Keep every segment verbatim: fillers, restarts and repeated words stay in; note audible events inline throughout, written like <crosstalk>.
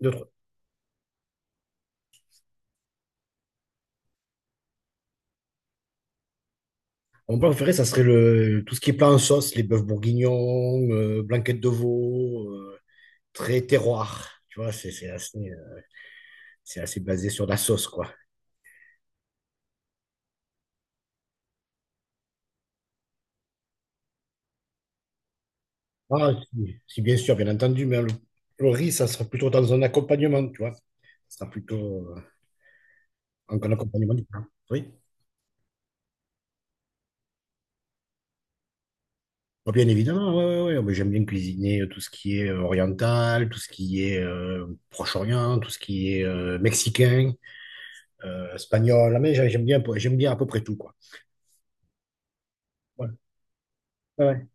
Deux, trois. Mon plat préféré, ça serait le, tout ce qui est plat en sauce, les bœufs bourguignons, euh, blanquettes de veau, euh, très terroir. Tu vois, c'est c'est assez, euh, c'est assez basé sur la sauce, quoi. Ah, si, si, bien sûr, bien entendu, mais le, le riz, ça sera plutôt dans un accompagnement, tu vois. Ça sera plutôt euh, un, un accompagnement du plat. Oui. Oh, bien évidemment, ouais, ouais, ouais. Mais j'aime bien cuisiner euh, tout ce qui est euh, oriental, tout ce qui est euh, Proche-Orient, tout ce qui est euh, mexicain, euh, espagnol. Ah, mais j'a- j'aime bien, j'aime bien à peu près tout, quoi. Ouais. Ouais, ouais.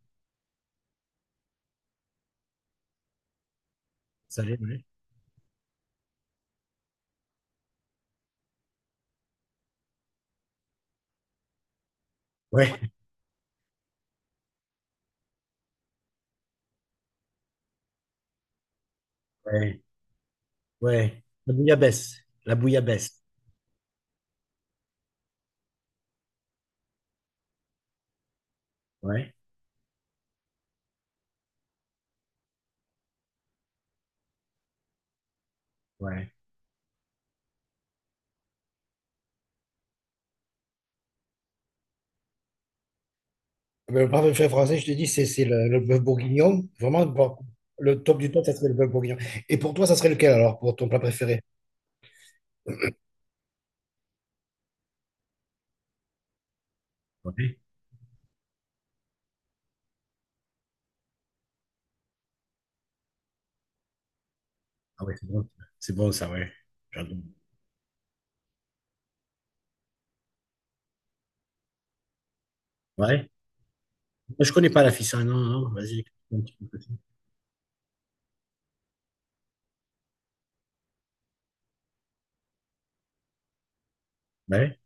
Salé, ouais. Ouais, ouais, ouais. La bouillabaisse. La bouillabaisse. Ouais, ouais. Mais le parfait fait français, je te dis, c'est c'est le, le bœuf bourguignon. Vraiment, bon, le top du top, ça serait le bœuf bourguignon. Et pour toi, ça serait lequel alors, pour ton plat préféré? Ouais. Ah ouais, c'est bon. C'est bon, ça, ouais. J'adore. Ouais. Je connais pas la fissa, non, non. Vas-y. Explique un petit peu plus. Ouais.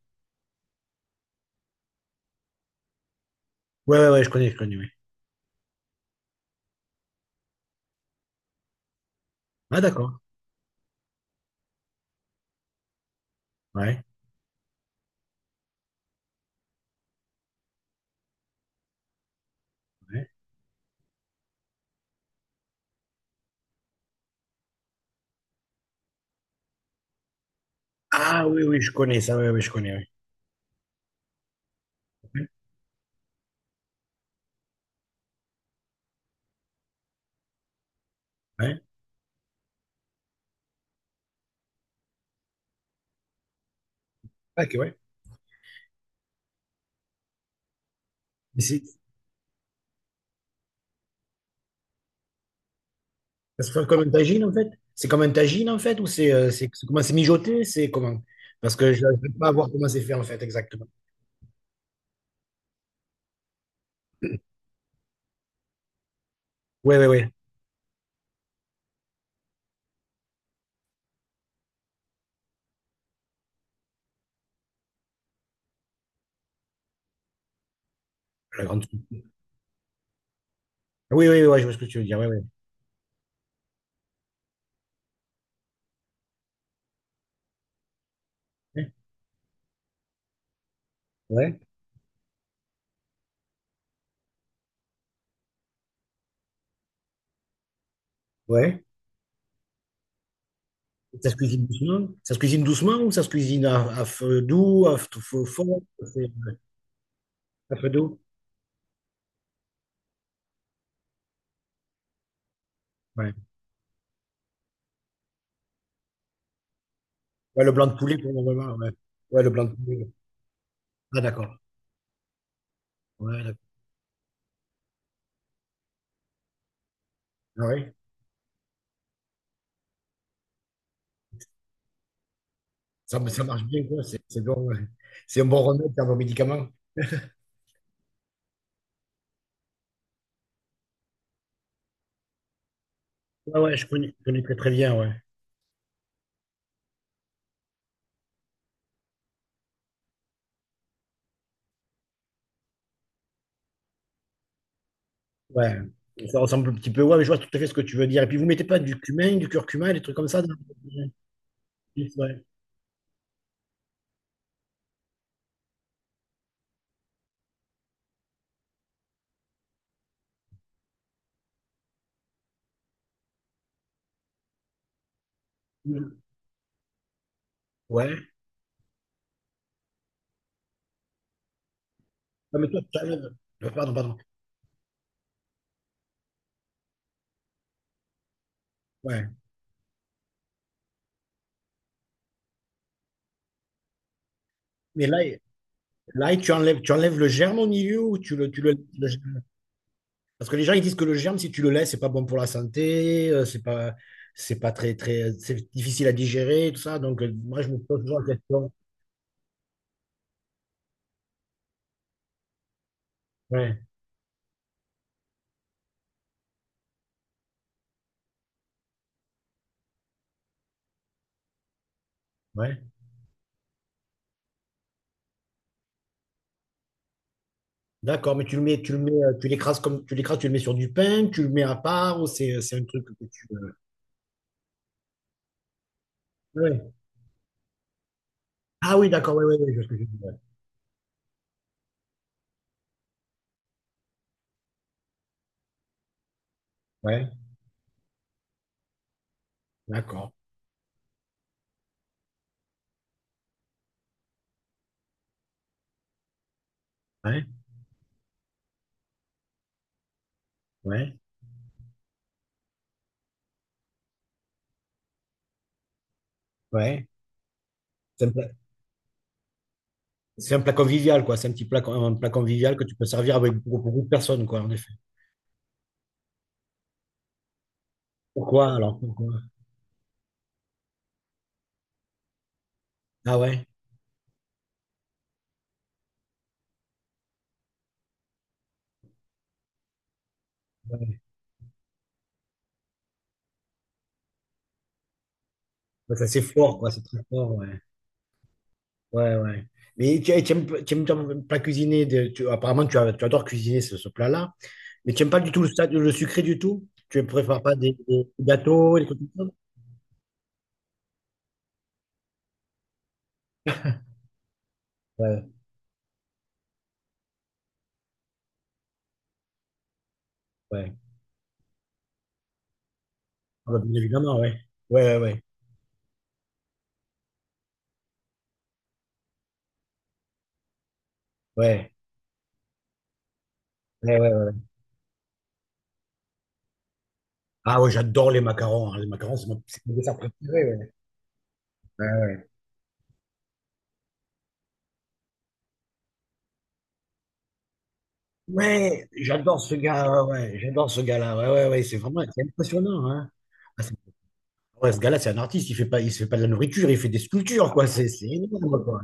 Ouais, ouais, ouais, je connais, je connais, ouais. Ah, d'accord. Ouais, ouais. Ah oui, oui, je connais ça, ouais, ouais, je connais, ouais. Ouais, ouais. Ah, ok, ouais. Mais c'est Ça se fait comme une tagine en fait? C'est comme un tagine en fait? Ou c'est euh, c'est c'est comment c'est mijoté? C'est comment? Parce que je n'arrive pas à voir comment c'est fait en fait exactement. <clears throat> Oui, oui, oui. La grande... Oui, oui, oui, ouais, je vois ce que tu veux dire. Oui, oui. Ouais, ouais. Ouais. Ça se cuisine doucement? Ça se cuisine doucement ou ça se cuisine à, à feu doux, à feu feu fort? C'est- À feu doux? Ouais. Ouais, le blanc de poulet, pour le moment, ouais. Ouais, le blanc de poulet. Ah, d'accord. Ouais, d'accord. Ah, ouais. Ça, ça marche bien, quoi. C'est c'est bon, ouais. C'est un bon remède, c'est un bon médicament. Ouais, ouais, je connais, je connais très très bien, ouais. Ouais, ça ressemble un petit peu. Ouais, mais je vois tout à fait ce que tu veux dire. Et puis vous mettez pas du cumin, du curcuma, des trucs comme ça dans- ouais. Ouais. Non, mais toi, tu enlèves. Euh, Pardon, pardon. Ouais. Mais là, là, tu enlèves, tu enlèves le germe au milieu ou tu le, tu le, le germe. Parce que les gens ils disent que le germe, si tu le laisses, c'est pas bon pour la santé, euh, c'est pas, c'est pas très, très, c'est difficile à digérer, tout ça. Donc euh, moi, je me pose toujours la question. Ouais, ouais. D'accord, mais tu le mets, tu le mets, euh, tu l'écrases comme, tu l'écrases, tu le mets sur du pain, tu le mets à part ou c'est, c'est un truc que tu, euh, oui. Ah oui, d'accord, oui, oui, oui, je vois ce que tu dis, ouais. Ouais, d'accord. Ouais, ouais, ouais. C'est un plat, c'est un plat convivial, quoi. C'est un petit plat, con- un plat convivial que tu peux servir avec beaucoup, beaucoup de personnes, quoi, en effet. Pourquoi alors? Pourquoi? Ah ouais? Ouais. Ouais, ça, c'est fort, quoi. C'est très fort, ouais. Ouais, ouais. Mais tu, tu aimes, tu aimes ton plat cuisiné de, tu- apparemment, tu, as- tu adores cuisiner ce, ce plat-là, mais tu n'aimes pas du tout le, sa- le sucré du tout? Tu ne préfères pas des, des gâteaux, des trucs comme ça? Ouais, ouais. Ah bah, bien évidemment, ouais. Ouais, ouais, ouais. Ouais, ouais, ouais, ouais. Ah ouais, j'adore les macarons, hein. Les macarons, c'est mon, c'est mon dessert préféré. Ouais, ouais, ouais. Ouais, j'adore ce gars. Ouais, ouais, j'adore ce gars-là. Ouais, ouais, ouais, c'est vraiment c'est impressionnant, hein. Ah, c'est- ouais, ce gars-là, c'est un artiste. Il fait pas, il se fait pas de la nourriture, il fait des sculptures, quoi. C'est c'est énorme, quoi.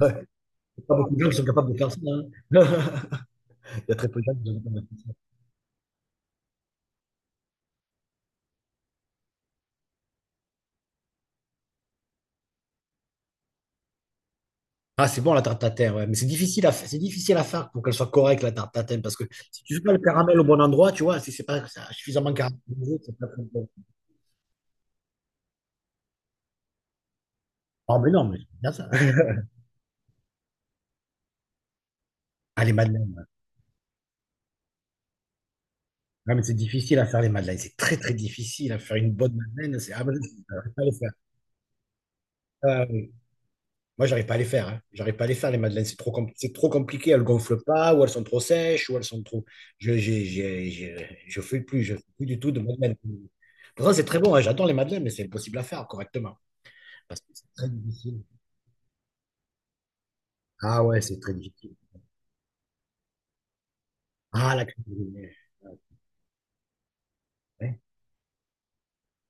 Ouais, il y a pas beaucoup de gens qui sont capables de faire ça, hein. <laughs> Il y a très peu de gens qui sont capables de faire ça. Ah, c'est bon la tarte tatin, ouais. Mais c'est difficile à, fa- c'est difficile à faire pour qu'elle soit correcte la tarte tatin, parce que si tu fais pas le caramel au bon endroit, tu vois, si c'est pas suffisamment caramélisé, c'est pas très bon. Ah, mais non, mais c'est bien ça. <laughs> Allez, madeleine. Ah, mais c'est difficile à faire les madeleines. C'est très, très difficile à faire une bonne madeleine. C'est... Ah, ben, j'arrive pas à les faire. Ah, oui. Moi, j'arrive pas à les faire, hein. J'arrive pas à les faire, les madeleines. C'est trop, com- c'est trop compliqué. Elles gonflent pas, ou elles sont trop sèches, ou elles sont trop. Je, je, je, je, je fais plus. Je fais plus du tout de madeleine. Pourtant, c'est très bon, hein. J'adore les madeleines, mais c'est impossible à faire correctement. Parce que c'est très difficile. Ah, ouais, c'est très difficile. Ah, la crème brûlée. Ouais.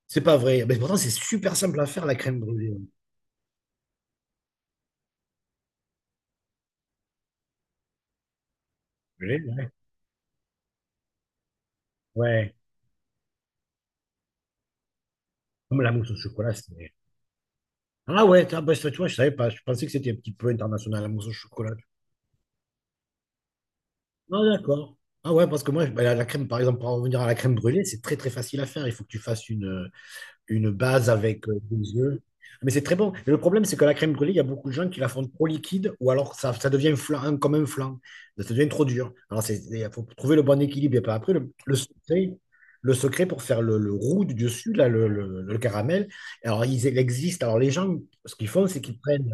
C'est pas vrai. Mais pourtant, c'est super simple à faire, la crème brûlée. Brûlée, ouais. Ouais. Comme la mousse au chocolat, c'est. Ah ouais, ah bah, ça, tu vois, je savais pas. Je pensais que c'était un petit peu international, la mousse au chocolat. Ah d'accord. Ah ouais, parce que moi, bah, la, la crème, par exemple, pour en revenir à la crème brûlée, c'est très très facile à faire. Il faut que tu fasses une, euh, une base avec euh, des œufs. Mais c'est très bon. Mais le problème, c'est que la crème brûlée, il y a beaucoup de gens qui la font trop liquide ou alors ça, ça devient flan, comme un flan. Ça devient trop dur. Alors, c'est- il faut trouver le bon équilibre. Et puis après, le, le secret, le secret pour faire le, le roux du dessus, là, le, le- le caramel, alors ils- e-, il existe. Alors, les gens, ce qu'ils font, c'est qu'ils prennent,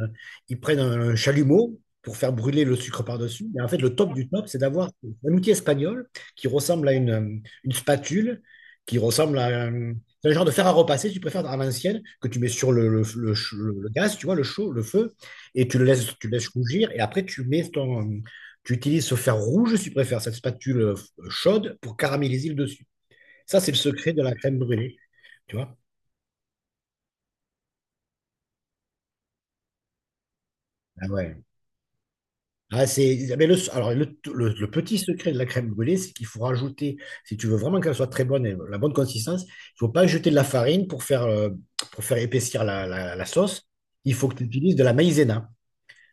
ils prennent un chalumeau pour faire brûler le sucre par-dessus. Et en fait, le top du top, c'est d'avoir un outil espagnol qui ressemble à une, une spatule, qui ressemble à un, c'est le genre de fer à repasser, si tu préfères à l'ancienne, que tu mets sur le, le, le ch- le- le gaz, tu vois, le chaud, le feu, et tu le laisses, tu le laisses rougir, et après tu mets ton, tu utilises ce fer rouge, si tu préfères, cette spatule euh, chaude pour caraméliser le dessus. Ça, c'est le secret de la crème brûlée, tu vois. Ah ouais. Ah, c'est, mais le, alors, le, le- le petit secret de la crème brûlée, c'est qu'il faut rajouter, si tu veux vraiment qu'elle soit très bonne et la bonne consistance, il faut pas jeter de la farine pour faire, euh, pour faire épaissir la, la la sauce. Il faut que tu utilises de la maïzena.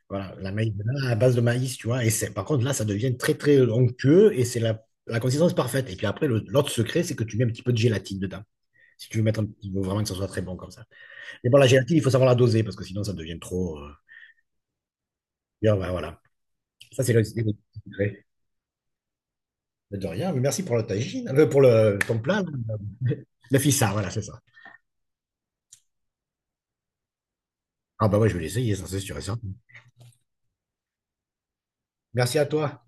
Voilà, la maïzena à base de maïs, tu vois. Et c'est, par contre, là, ça devient très, très onctueux et c'est la, la consistance parfaite. Et puis après, le- l'autre secret, c'est que tu mets un petit peu de gélatine dedans. Si tu veux mettre un petit il faut vraiment que ça soit très bon comme ça. Mais bon, la gélatine, il faut savoir la doser parce que sinon, ça devient trop, euh, bien, voilà, voilà. Ça, c'est le c'est le secret. Mais de rien, mais merci pour le tagine, euh, pour le, ton plat là. <laughs> Le fissa, voilà, c'est ça. Ah, bah ouais, je vais l'essayer, ça, c'est sûr et certain. Merci à toi.